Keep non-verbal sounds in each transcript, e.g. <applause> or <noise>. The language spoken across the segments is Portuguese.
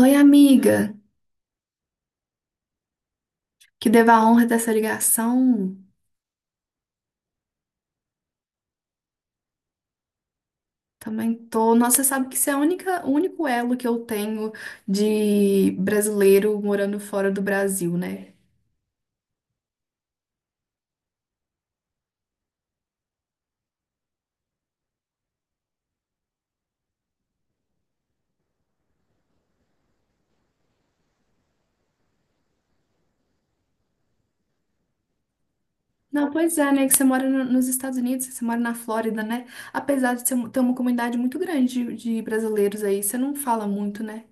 Oi, amiga, que devo a honra dessa ligação. Também tô. Nossa, você sabe que isso é o único elo que eu tenho de brasileiro morando fora do Brasil, né? Não, pois é, né? Que você mora nos Estados Unidos, você mora na Flórida, né? Apesar de ter uma comunidade muito grande de brasileiros aí, você não fala muito, né?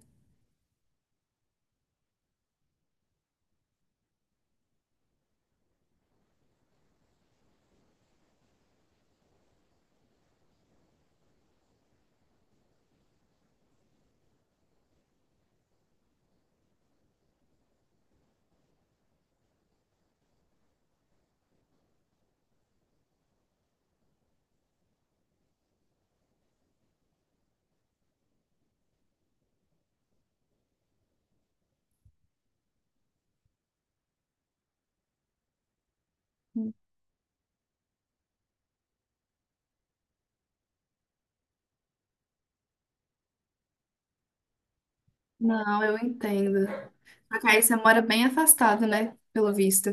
Não, eu entendo. Só que aí você mora bem afastado, né? Pelo visto.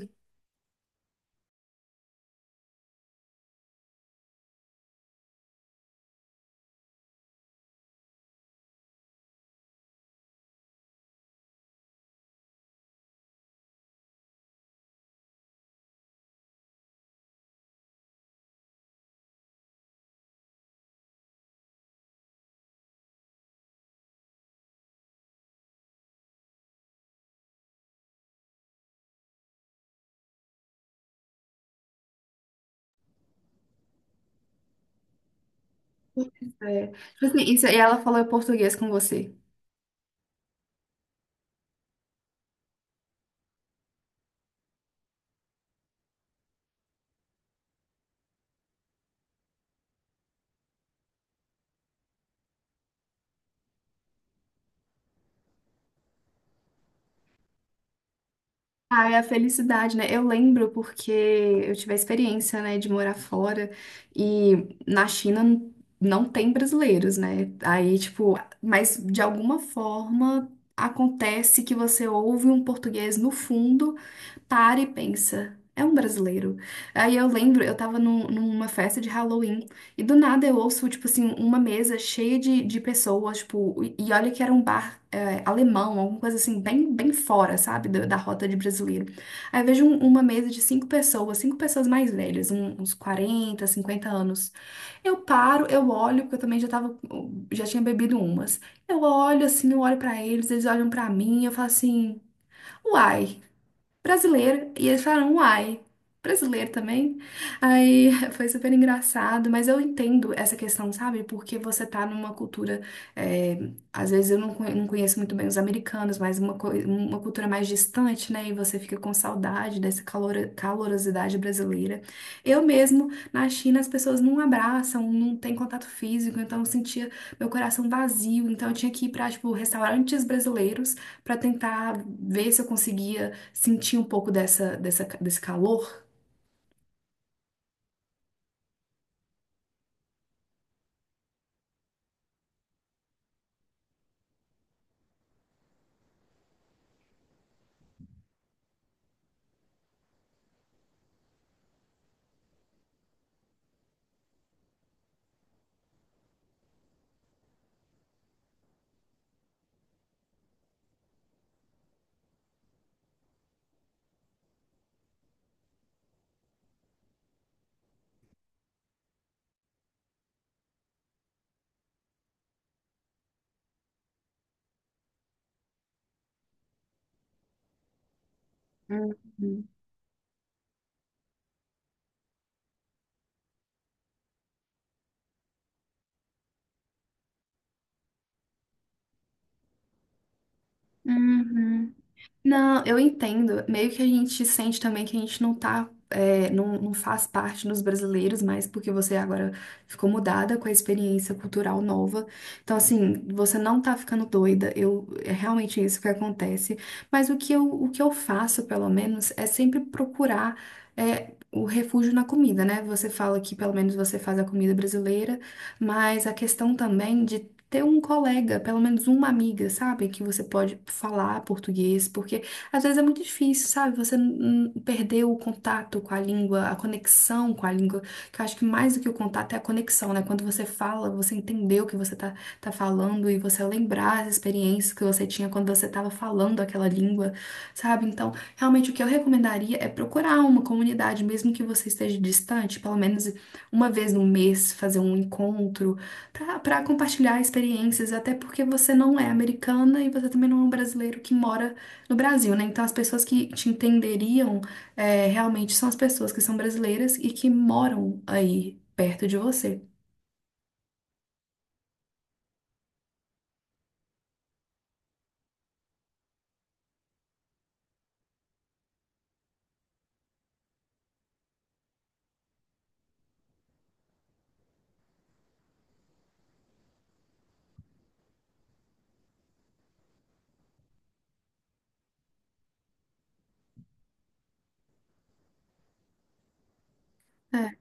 É. Tipo assim, e ela falou português com você. Ah, é a felicidade, né? Eu lembro porque eu tive a experiência, né, de morar fora e na China não tem brasileiros, né? Aí, tipo, mas de alguma forma acontece que você ouve um português no fundo, para e pensa. É um brasileiro. Aí eu lembro, eu tava numa festa de Halloween e do nada eu ouço, tipo assim, uma mesa cheia de pessoas, tipo, e olha que era um bar alemão, alguma coisa assim, bem, bem fora, sabe, da rota de brasileiro. Aí eu vejo uma mesa de cinco pessoas mais velhas, uns 40, 50 anos. Eu paro, eu olho, porque eu também já tinha bebido umas. Eu olho assim, eu olho pra eles, eles olham pra mim, eu falo assim, uai, brasileiro. E eles falaram, uai, brasileiro também? Aí <laughs> foi super engraçado, mas eu entendo essa questão, sabe? Porque você tá numa cultura, é, às vezes eu não conheço muito bem os americanos, mas uma cultura mais distante, né? E você fica com saudade dessa calorosidade brasileira. Eu mesmo, na China, as pessoas não abraçam, não tem contato físico, então eu sentia meu coração vazio, então eu tinha que ir pra, tipo, restaurantes brasileiros pra tentar ver se eu conseguia sentir um pouco desse calor. Uhum. Uhum. Não, eu entendo. Meio que a gente sente também que a gente não tá, não faz parte dos brasileiros mais, porque você agora ficou mudada com a experiência cultural nova. Então, assim, você não tá ficando doida. É realmente isso que acontece. Mas o que eu faço, pelo menos, é sempre procurar, o refúgio na comida, né? Você fala que pelo menos você faz a comida brasileira, mas a questão também de ter um colega, pelo menos uma amiga, sabe? Que você pode falar português, porque às vezes é muito difícil, sabe? Você perdeu o contato com a língua, a conexão com a língua, que eu acho que mais do que o contato é a conexão, né? Quando você fala, você entendeu o que você tá falando, e você lembrar as experiências que você tinha quando você estava falando aquela língua, sabe? Então, realmente o que eu recomendaria é procurar uma comunidade, mesmo que você esteja distante, pelo menos uma vez no mês, fazer um encontro para compartilhar experiências, até porque você não é americana e você também não é um brasileiro que mora no Brasil, né? Então as pessoas que te entenderiam, realmente são as pessoas que são brasileiras e que moram aí perto de você. É.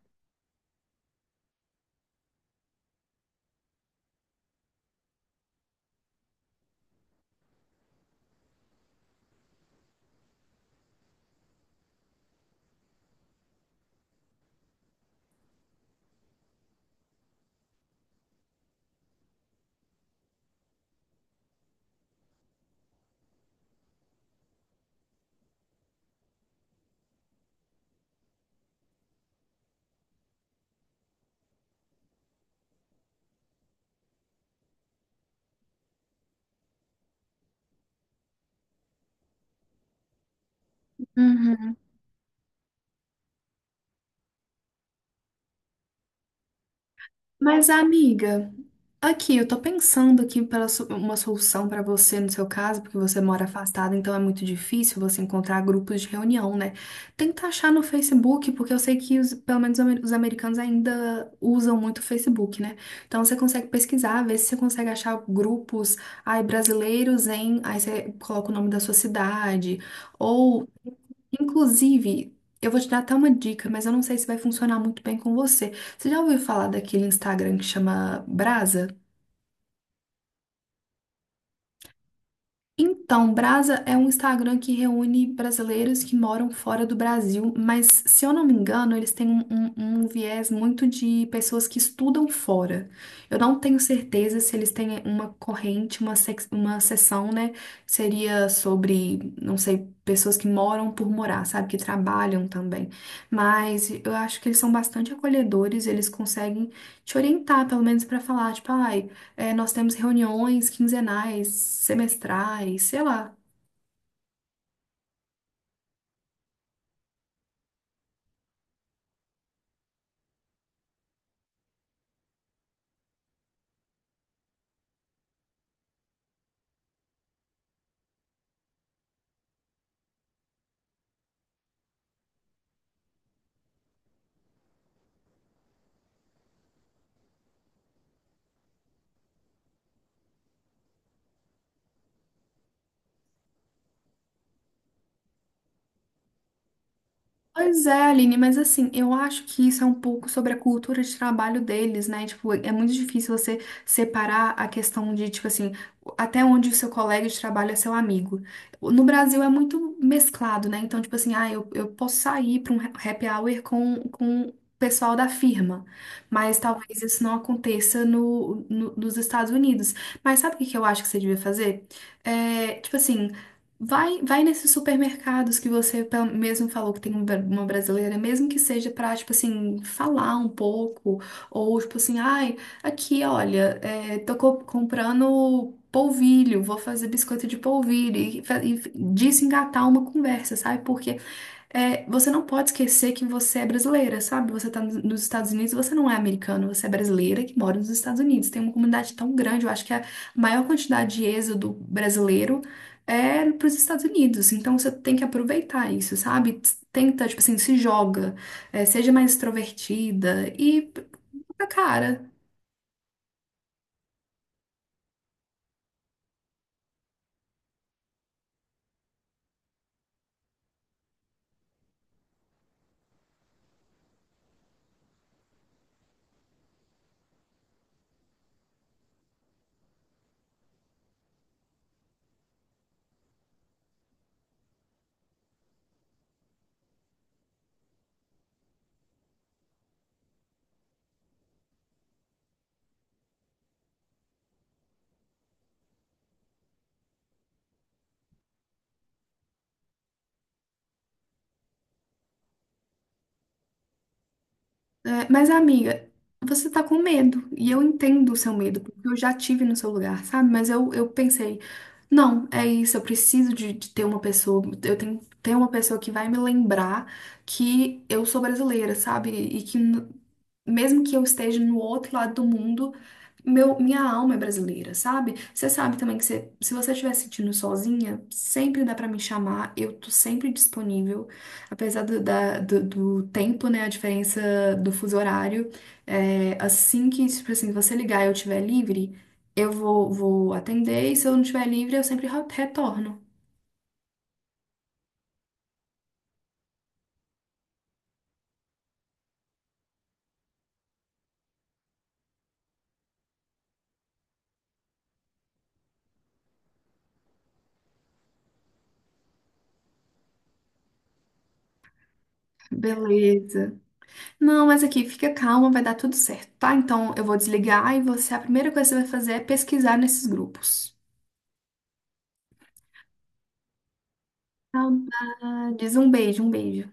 Uhum. Mas, amiga, aqui eu tô pensando aqui para uma solução para você no seu caso, porque você mora afastada, então é muito difícil você encontrar grupos de reunião, né? Tenta achar no Facebook, porque eu sei que pelo menos os americanos ainda usam muito o Facebook, né? Então você consegue pesquisar, ver se você consegue achar grupos, ai, brasileiros em, aí você coloca o nome da sua cidade, ou. Inclusive, eu vou te dar até uma dica, mas eu não sei se vai funcionar muito bem com você. Você já ouviu falar daquele Instagram que chama Brasa? Então, Brasa é um Instagram que reúne brasileiros que moram fora do Brasil, mas se eu não me engano, eles têm um viés muito de pessoas que estudam fora. Eu não tenho certeza se eles têm uma corrente, uma seção, né? Seria sobre, não sei, pessoas que moram por morar, sabe? Que trabalham também. Mas eu acho que eles são bastante acolhedores, eles conseguem te orientar, pelo menos, para falar, tipo, ai. É, nós temos reuniões quinzenais, semestrais, sei lá. Pois é, Aline, mas assim, eu acho que isso é um pouco sobre a cultura de trabalho deles, né? Tipo, é muito difícil você separar a questão de, tipo assim, até onde o seu colega de trabalho é seu amigo. No Brasil é muito mesclado, né? Então, tipo assim, ah, eu posso sair para um happy hour com o pessoal da firma, mas talvez isso não aconteça nos Estados Unidos. Mas sabe o que que eu acho que você devia fazer? É, tipo assim. Vai, vai nesses supermercados que você mesmo falou que tem uma brasileira, mesmo que seja pra, tipo assim, falar um pouco, ou tipo assim, ai, aqui, olha, tô comprando polvilho, vou fazer biscoito de polvilho, e desengatar uma conversa, sabe? Porque você não pode esquecer que você é brasileira, sabe? Você tá nos Estados Unidos, você não é americano, você é brasileira que mora nos Estados Unidos. Tem uma comunidade tão grande, eu acho que é a maior quantidade de êxodo brasileiro é para os Estados Unidos. Então você tem que aproveitar isso, sabe? Tenta, tipo assim, se joga, seja mais extrovertida e a cara. É, mas, amiga, você tá com medo. E eu entendo o seu medo, porque eu já tive no seu lugar, sabe? Mas eu pensei, não, é isso, eu preciso de ter uma pessoa, eu tenho que ter uma pessoa que vai me lembrar que eu sou brasileira, sabe? E que mesmo que eu esteja no outro lado do mundo, minha alma é brasileira, sabe? Você sabe também que se você estiver se sentindo sozinha, sempre dá pra me chamar, eu tô sempre disponível, apesar do tempo, né, a diferença do fuso horário, assim que, tipo assim, você ligar e eu estiver livre, eu vou atender, e se eu não estiver livre, eu sempre retorno. Beleza. Não, mas aqui, fica calma, vai dar tudo certo, tá? Então eu vou desligar e você, a primeira coisa que você vai fazer é pesquisar nesses grupos. Saudades. Um beijo, um beijo.